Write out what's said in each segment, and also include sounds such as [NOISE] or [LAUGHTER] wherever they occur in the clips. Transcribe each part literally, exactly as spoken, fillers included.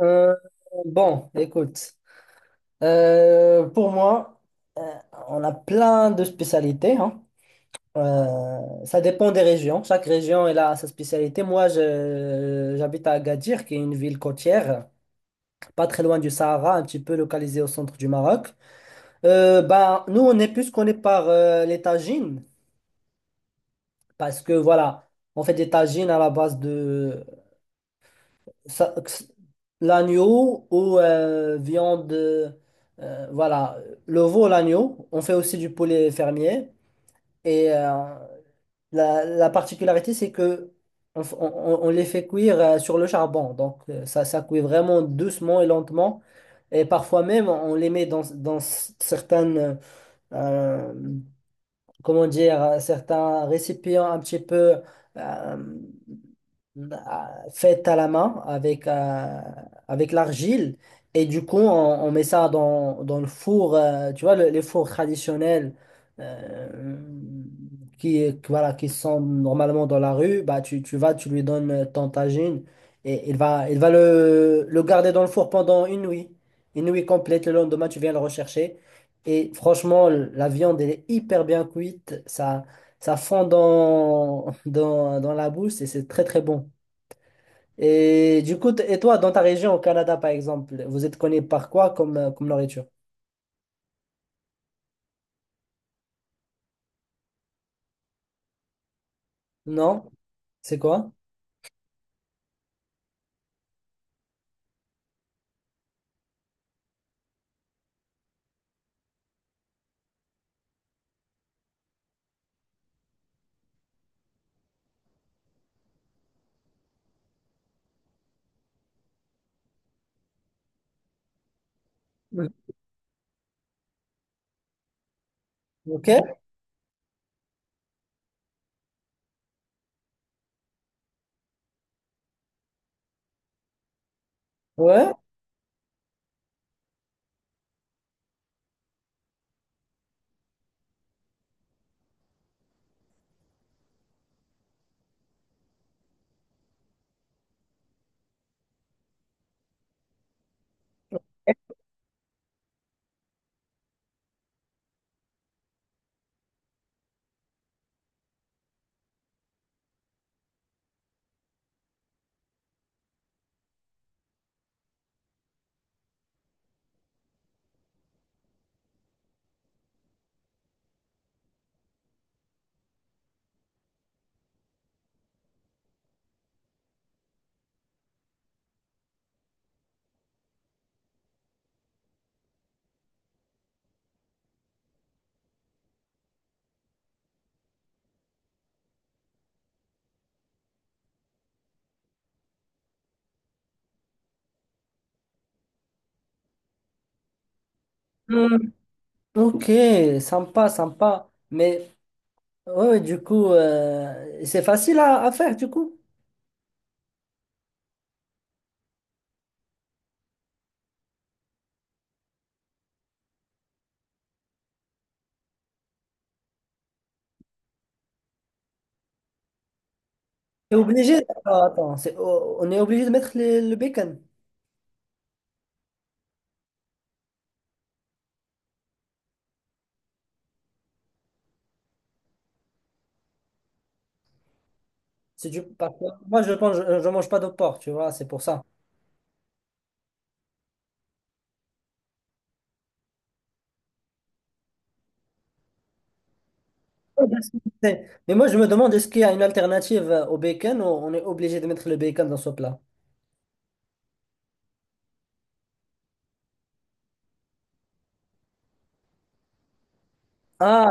Euh, bon, écoute, euh, pour moi, on a plein de spécialités, hein. Euh, ça dépend des régions. Chaque région elle a sa spécialité. Moi, je- j'habite à Agadir, qui est une ville côtière, pas très loin du Sahara, un petit peu localisée au centre du Maroc. Euh, ben, nous, on est plus connus par euh, les tagines, parce que voilà, on fait des tagines à la base de ça- l'agneau ou euh, viande, euh, voilà, le veau, l'agneau. On fait aussi du poulet fermier. Et euh, la, la particularité, c'est que on, f- on- on- on les fait cuire euh, sur le charbon. Donc, euh, ça, ça cuit vraiment doucement et lentement. Et parfois même, on les met dans, dans c- certaines, euh, comment dire, euh, certains récipients un petit peu, euh, bah, faite à la main avec, euh, avec l'argile. Et du coup, on, on met ça dans, dans le four, euh, tu vois, le- les fours traditionnels, euh, qui, qui- voilà, qui sont normalement dans la rue. Bah, tu, tu vas, tu lui donnes ton tagine et il va, il va le, le garder dans le four pendant une nuit. Une nuit complète. Le lendemain, tu viens le rechercher. Et franchement, la viande, elle est hyper bien cuite. Ça, ça fond dans, [LAUGHS] dans, dans la bouche et c'est très, très bon. Et du coup, t- et toi, dans ta région au Canada, par exemple, vous êtes connu par quoi comme, euh, comme nourriture? Non? C'est quoi? Ouais. Ok? Ouais? Hmm. Ok, sympa, sympa. Mais ouais, ouais, du coup, euh, c'est facile à, à faire, du coup. T'es obligé. Attends, attends, c'est- o- on est obligé de mettre les- le bacon. C'est du... parce que Moi, je pense, je, je mange pas de porc, tu vois, c'est pour ça. Ouais, parce que c'est- mais moi, je me demande, est-ce qu'il y a une alternative euh, au bacon, ou on est obligé de mettre le bacon dans ce plat? Ah,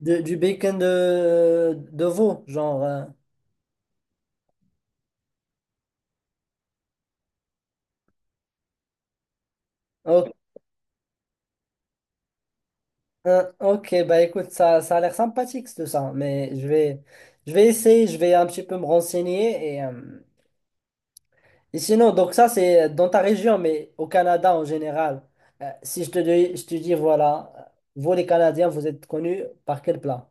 de- du bacon de, de veau, genre. Euh, ok, hein, ok, bah écoute, ça, ça a l'air sympathique tout ça, mais je vais, je vais essayer, je vais un petit peu me renseigner. Et, euh, et sinon, donc ça, c'est dans ta région, mais au Canada en général. Euh, si je te dis, je te dis, voilà, euh, vous les Canadiens, vous êtes connus par quel plat?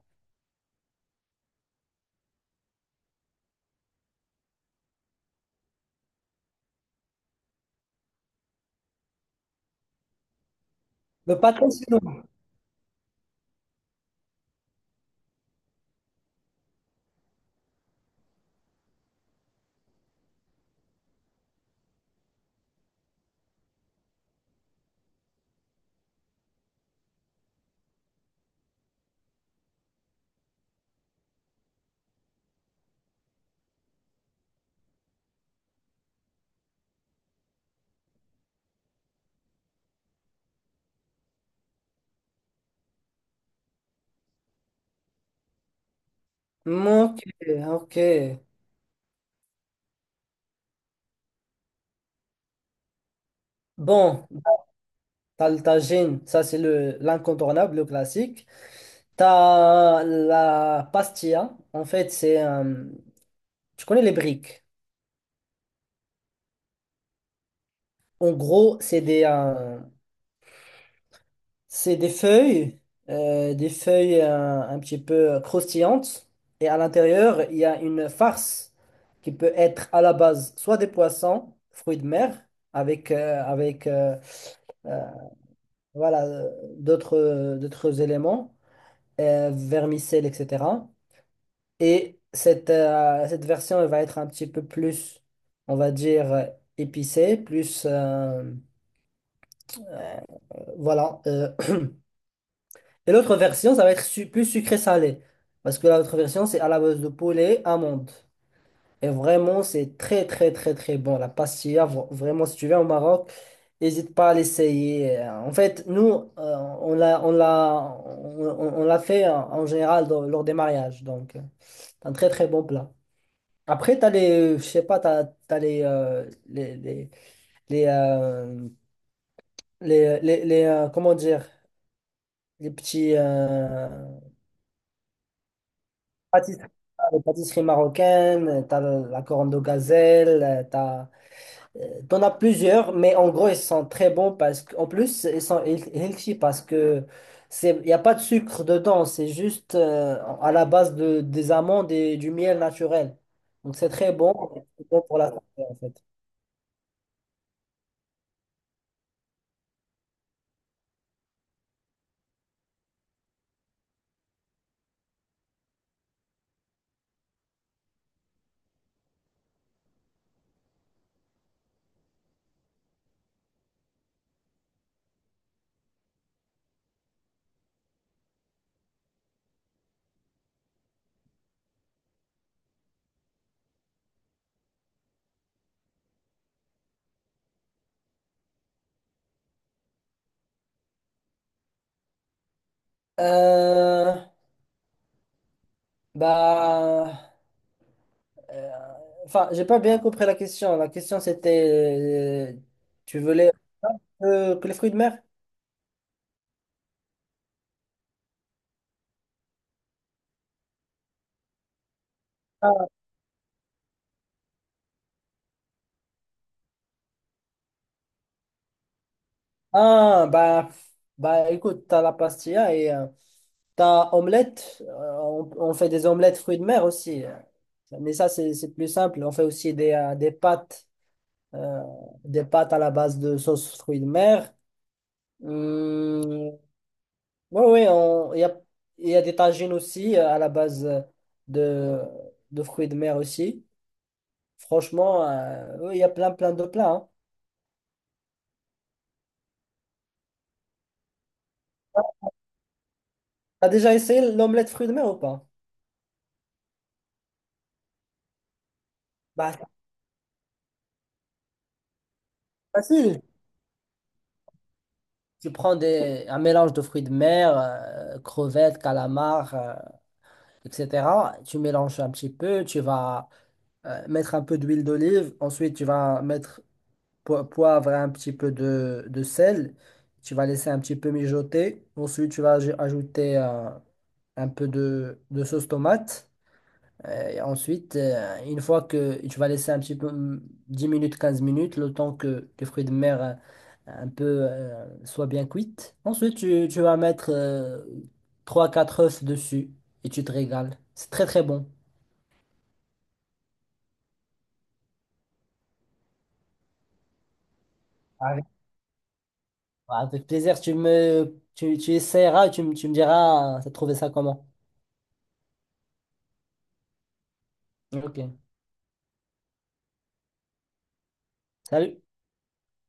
Le pâté sinon. Ok, ok. Bon, t'as le tagine, ça c'est le l'incontournable, le classique. T'as la pastilla, en fait, c'est un. Tu connais les briques. En gros, c'est des, euh, c'est des feuilles, euh, des feuilles, euh, un petit peu croustillantes. Et à l'intérieur, il y a une farce qui peut être à la base soit des poissons, fruits de mer, avec, euh, avec euh, euh, voilà, euh, d'autres, d'autres éléments, euh, vermicelles, et cetera. Et cette, euh, cette version, elle va être un petit peu plus, on va dire, euh, épicée, plus... euh, voilà. euh. [CLEARS THROAT] Et l'autre version, ça va être su- plus sucré-salé. Parce que l'autre version, c'est à la base de poulet, amande. Et vraiment, c'est très, très, très, très bon. La pastilla, vra- vraiment, si tu viens au Maroc, n'hésite pas à l'essayer. Euh, En fait, nous, euh, on l'a, on l'a, on, on- on l'a fait euh, en général dans- lors des mariages. Donc, euh, c'est un très, très bon plat. Après, t'as les, euh, je sais pas, t'as, t'as les, euh, les, les, les, euh, les, euh, les- les, euh, comment dire, les petits euh, pâtisseries, les pâtisseries marocaines, t'as le- la corne de gazelle, euh, t'as, euh, t'en as plusieurs, mais en gros, ils sont très bons parce qu'en plus, ils sont heal- healthy parce que c'est, il n'y a pas de sucre dedans, c'est juste euh, à la base de, des amandes et du miel naturel. Donc, c'est très bon, c'est bon pour la santé, en fait. Euh, Bah, euh, enfin, j'ai pas bien compris la question. La question c'était, euh, tu voulais euh, que les fruits de mer? Ah, bah, bah, écoute, t'as la pastilla et euh, t'as omelette. Euh, on, on fait des omelettes fruits de mer aussi. euh. Mais ça, c'est c'est plus simple. On fait aussi des, euh, des pâtes, euh, des pâtes à la base de sauce fruits de mer. Hum, oui, oui, on- il y a, il y a des tagines aussi euh, à la base euh, de, de fruits de mer aussi. Franchement, euh, oui, il y a plein, plein de plats, hein. T'as déjà essayé l'omelette fruits de mer ou pas? Bah, c'est facile. Tu prends des, un mélange de fruits de mer, euh, crevettes, calamars, euh, et cetera. Tu mélanges un petit peu, tu vas euh, mettre un peu d'huile d'olive. Ensuite, tu vas mettre po- poivre et un petit peu de, de sel. Tu vas laisser un petit peu mijoter. Ensuite, tu vas aj- ajouter euh, un peu de, de sauce tomate. Euh, et ensuite, euh, une fois que tu vas laisser un petit peu hum, dix minutes, quinze minutes, le temps que les fruits de mer euh, un peu euh, soient bien cuites. Ensuite, tu, tu vas mettre euh, trois quatre œufs dessus et tu te régales. C'est très très bon. Avec, avec plaisir, tu me tu, tu essaieras et tu, me- tu me diras, euh, t'as trouvé ça comment. Ok. Salut.